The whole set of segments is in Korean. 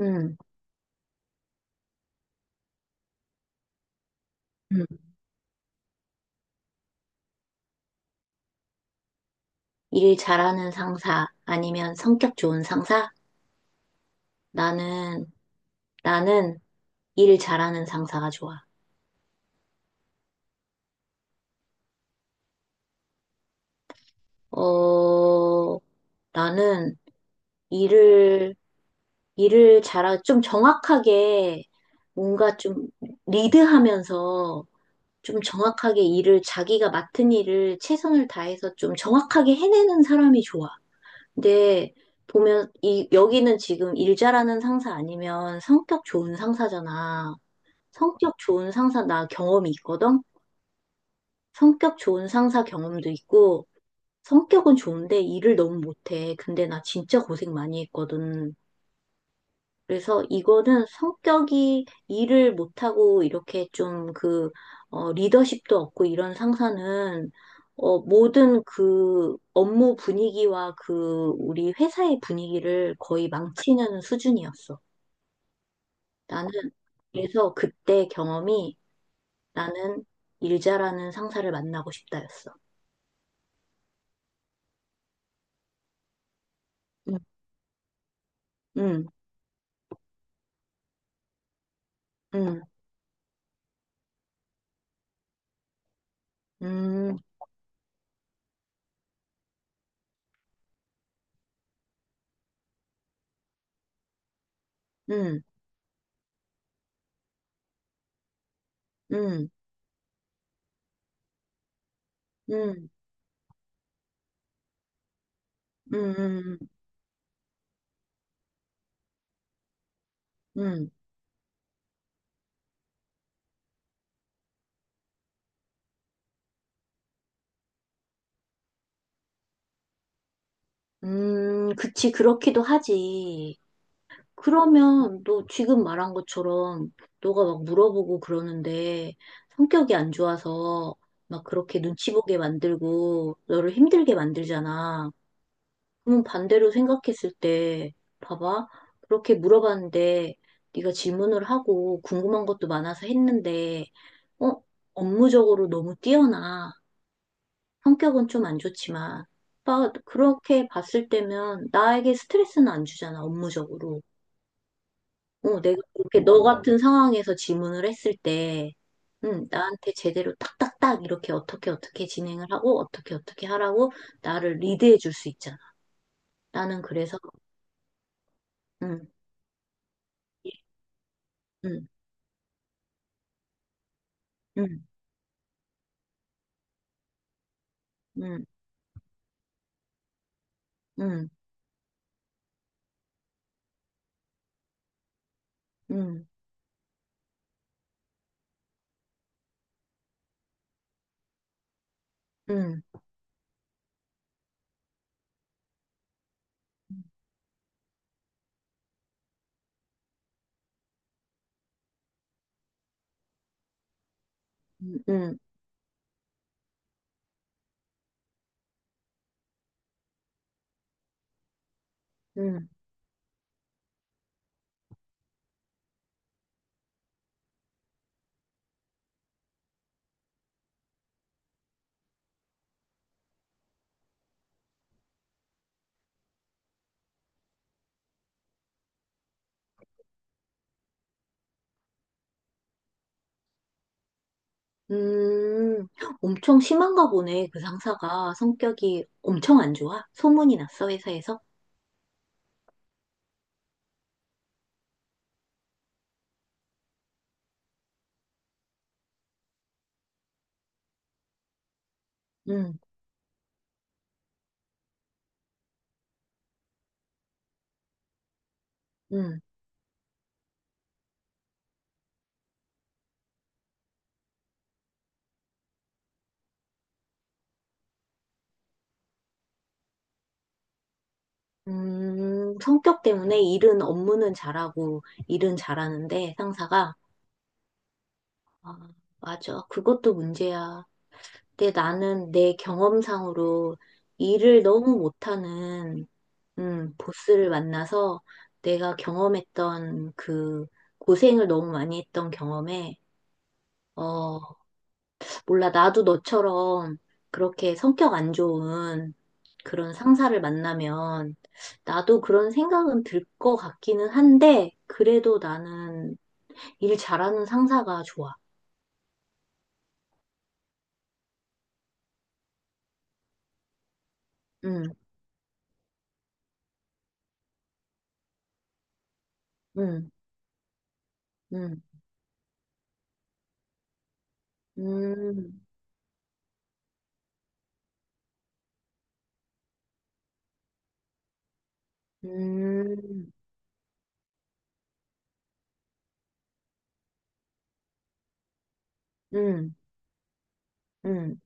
음. 음. 일 잘하는 상사 아니면 성격 좋은 상사? 나는, 나는 일 잘하는 상사가 좋아. 어, 나는 일을, 일을 좀 정확하게 뭔가 좀 리드하면서 좀 정확하게 일을 자기가 맡은 일을 최선을 다해서 좀 정확하게 해내는 사람이 좋아. 근데 보면 이, 여기는 지금 일 잘하는 상사 아니면 성격 좋은 상사잖아. 성격 좋은 상사, 나 경험이 있거든? 성격 좋은 상사 경험도 있고, 성격은 좋은데 일을 너무 못해. 근데 나 진짜 고생 많이 했거든. 그래서 이거는 성격이 일을 못하고 이렇게 좀 그, 리더십도 없고 이런 상사는, 모든 그 업무 분위기와 그 우리 회사의 분위기를 거의 망치는 수준이었어. 나는 그래서 그때 경험이 나는 일 잘하는 상사를 만나고 싶다였어. 음. 음. 음. 음. 음. 음. 음. 음. 음. 음. 그치, 그렇기도 하지. 그러면 너 지금 말한 것처럼 너가 막 물어보고 그러는데 성격이 안 좋아서 막 그렇게 눈치 보게 만들고 너를 힘들게 만들잖아. 그럼 반대로 생각했을 때, 봐봐. 그렇게 물어봤는데, 네가 질문을 하고 궁금한 것도 많아서 했는데, 어? 업무적으로 너무 뛰어나. 성격은 좀 안 좋지만. 봐, 그렇게 봤을 때면 나에게 스트레스는 안 주잖아, 업무적으로. 내가 그렇게 너 같은 상황에서 질문을 했을 때, 나한테 제대로 딱딱딱 이렇게 어떻게 어떻게 진행을 하고 어떻게 어떻게 하라고 나를 리드해 줄 수 있잖아. 나는 그래서, 음. 음. 음. 음. 음. 음. 음. 음. 음. 음. 음. 엄청 심한가 보네, 그 상사가. 성격이 엄청 안 좋아? 소문이 났어, 회사에서? 음. 음. 음. 성격 때문에 일은, 업무는 잘하고, 일은 잘하는데, 상사가. 아, 맞아. 그것도 문제야. 근데 나는 내 경험상으로 일을 너무 못하는 보스를 만나서 내가 경험했던 그 고생을 너무 많이 했던 경험에, 어, 몰라, 나도 너처럼 그렇게 성격 안 좋은 그런 상사를 만나면 나도 그런 생각은 들 것 같기는 한데, 그래도 나는 일 잘하는 상사가 좋아. 음. 음. 음. 음. 음. 음. 음.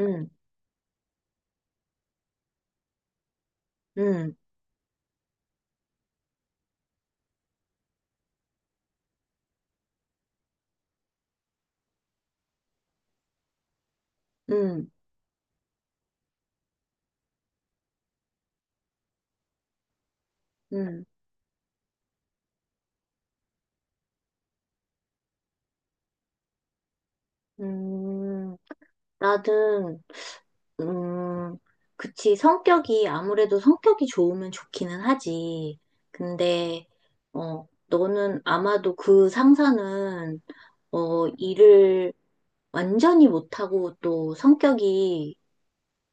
음. 음. 음. 음. 음. 나는, 음, 그치. 성격이, 아무래도 성격이 좋으면 좋기는 하지. 근데, 너는 아마도 그 상사는, 일을 완전히 못하고 또 성격이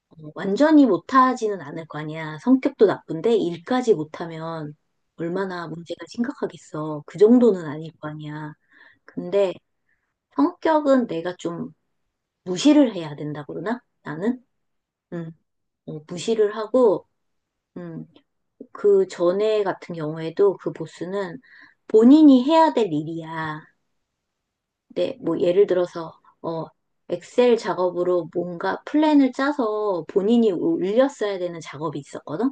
완전히 못하지는 않을 거 아니야. 성격도 나쁜데 일까지 못하면 얼마나 문제가 심각하겠어. 그 정도는 아닐 거 아니야. 근데 성격은 내가 좀 무시를 해야 된다고 그러나? 나는? 음, 무시를 하고, 음, 그 전에 같은 경우에도 그 보스는 본인이 해야 될 일이야. 네, 뭐 예를 들어서 어 엑셀 작업으로 뭔가 플랜을 짜서 본인이 올렸어야 되는 작업이 있었거든.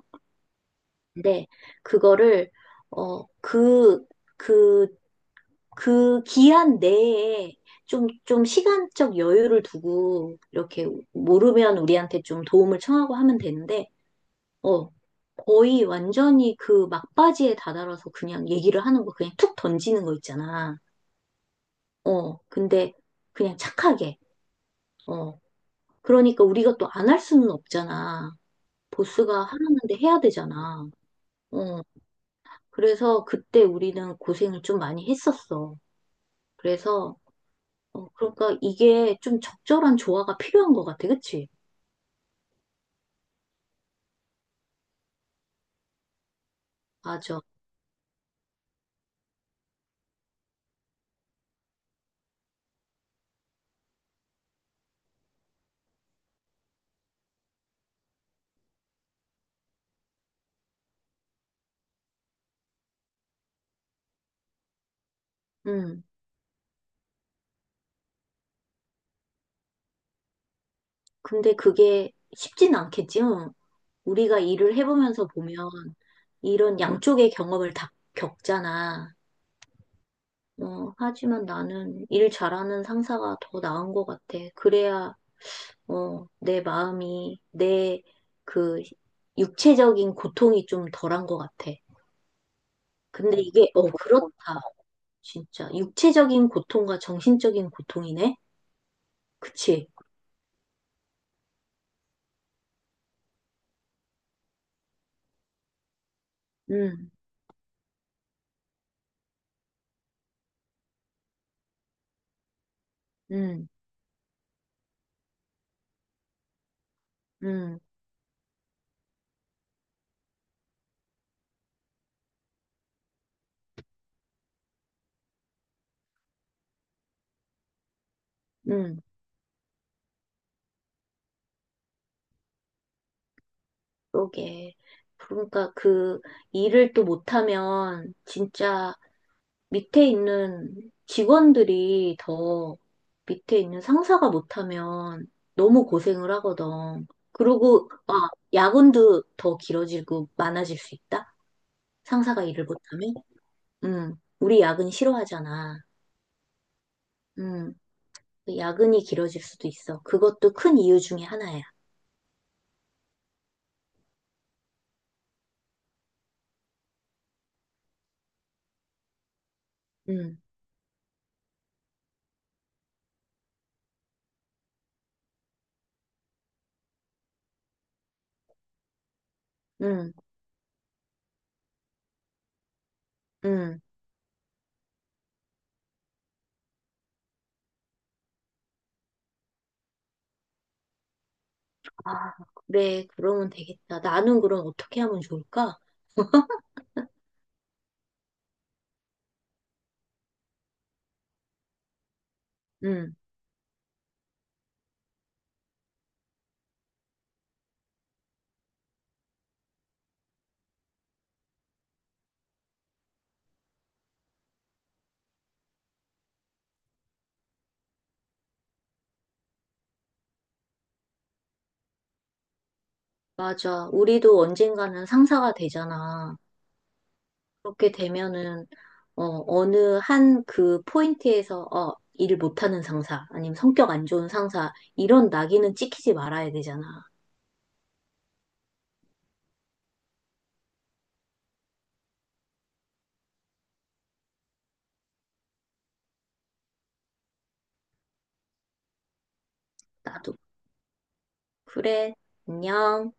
근데 그거를 어그그그 기한 내에 좀 시간적 여유를 두고 이렇게 모르면 우리한테 좀 도움을 청하고 하면 되는데 어, 거의 완전히 그 막바지에 다다라서 그냥 얘기를 하는 거 그냥 툭 던지는 거 있잖아. 근데 그냥 착하게. 어, 그러니까 우리가 또 안 할 수는 없잖아. 보스가 하라는데 해야 되잖아. 어, 그래서 그때 우리는 고생을 좀 많이 했었어. 그래서, 그러니까 이게 좀 적절한 조화가 필요한 것 같아. 그치? 맞아. 음. 근데 그게 쉽진 않겠지? 응. 우리가 일을 해보면서 보면 이런 양쪽의 경험을 다 겪잖아. 하지만 나는 일 잘하는 상사가 더 나은 것 같아. 그래야, 내 마음이, 내 그 육체적인 고통이 좀 덜한 것 같아. 근데 이게, 그렇다. 진짜. 육체적인 고통과 정신적인 고통이네? 그치? 음. 음. 음. 음. 그러게. 그러니까 그 일을 또 못하면 진짜 밑에 있는 직원들이 더 밑에 있는 상사가 못하면 너무 고생을 하거든. 그리고, 아, 야근도 더 길어지고 많아질 수 있다? 상사가 일을 못하면? 응. 우리 야근 싫어하잖아. 응. 야근이 길어질 수도 있어. 그것도 큰 이유 중에 하나야. 응. 응. 응. 아, 그래. 그러면 되겠다. 나는 그럼 어떻게 하면 좋을까? 응, 맞아. 우리도 언젠가는 상사가 되잖아. 그렇게 되면은 어느 한 그 포인트에서 일 못하는 상사 아니면 성격 안 좋은 상사 이런 낙인은 찍히지 말아야 되잖아. 나도 그래. 안녕.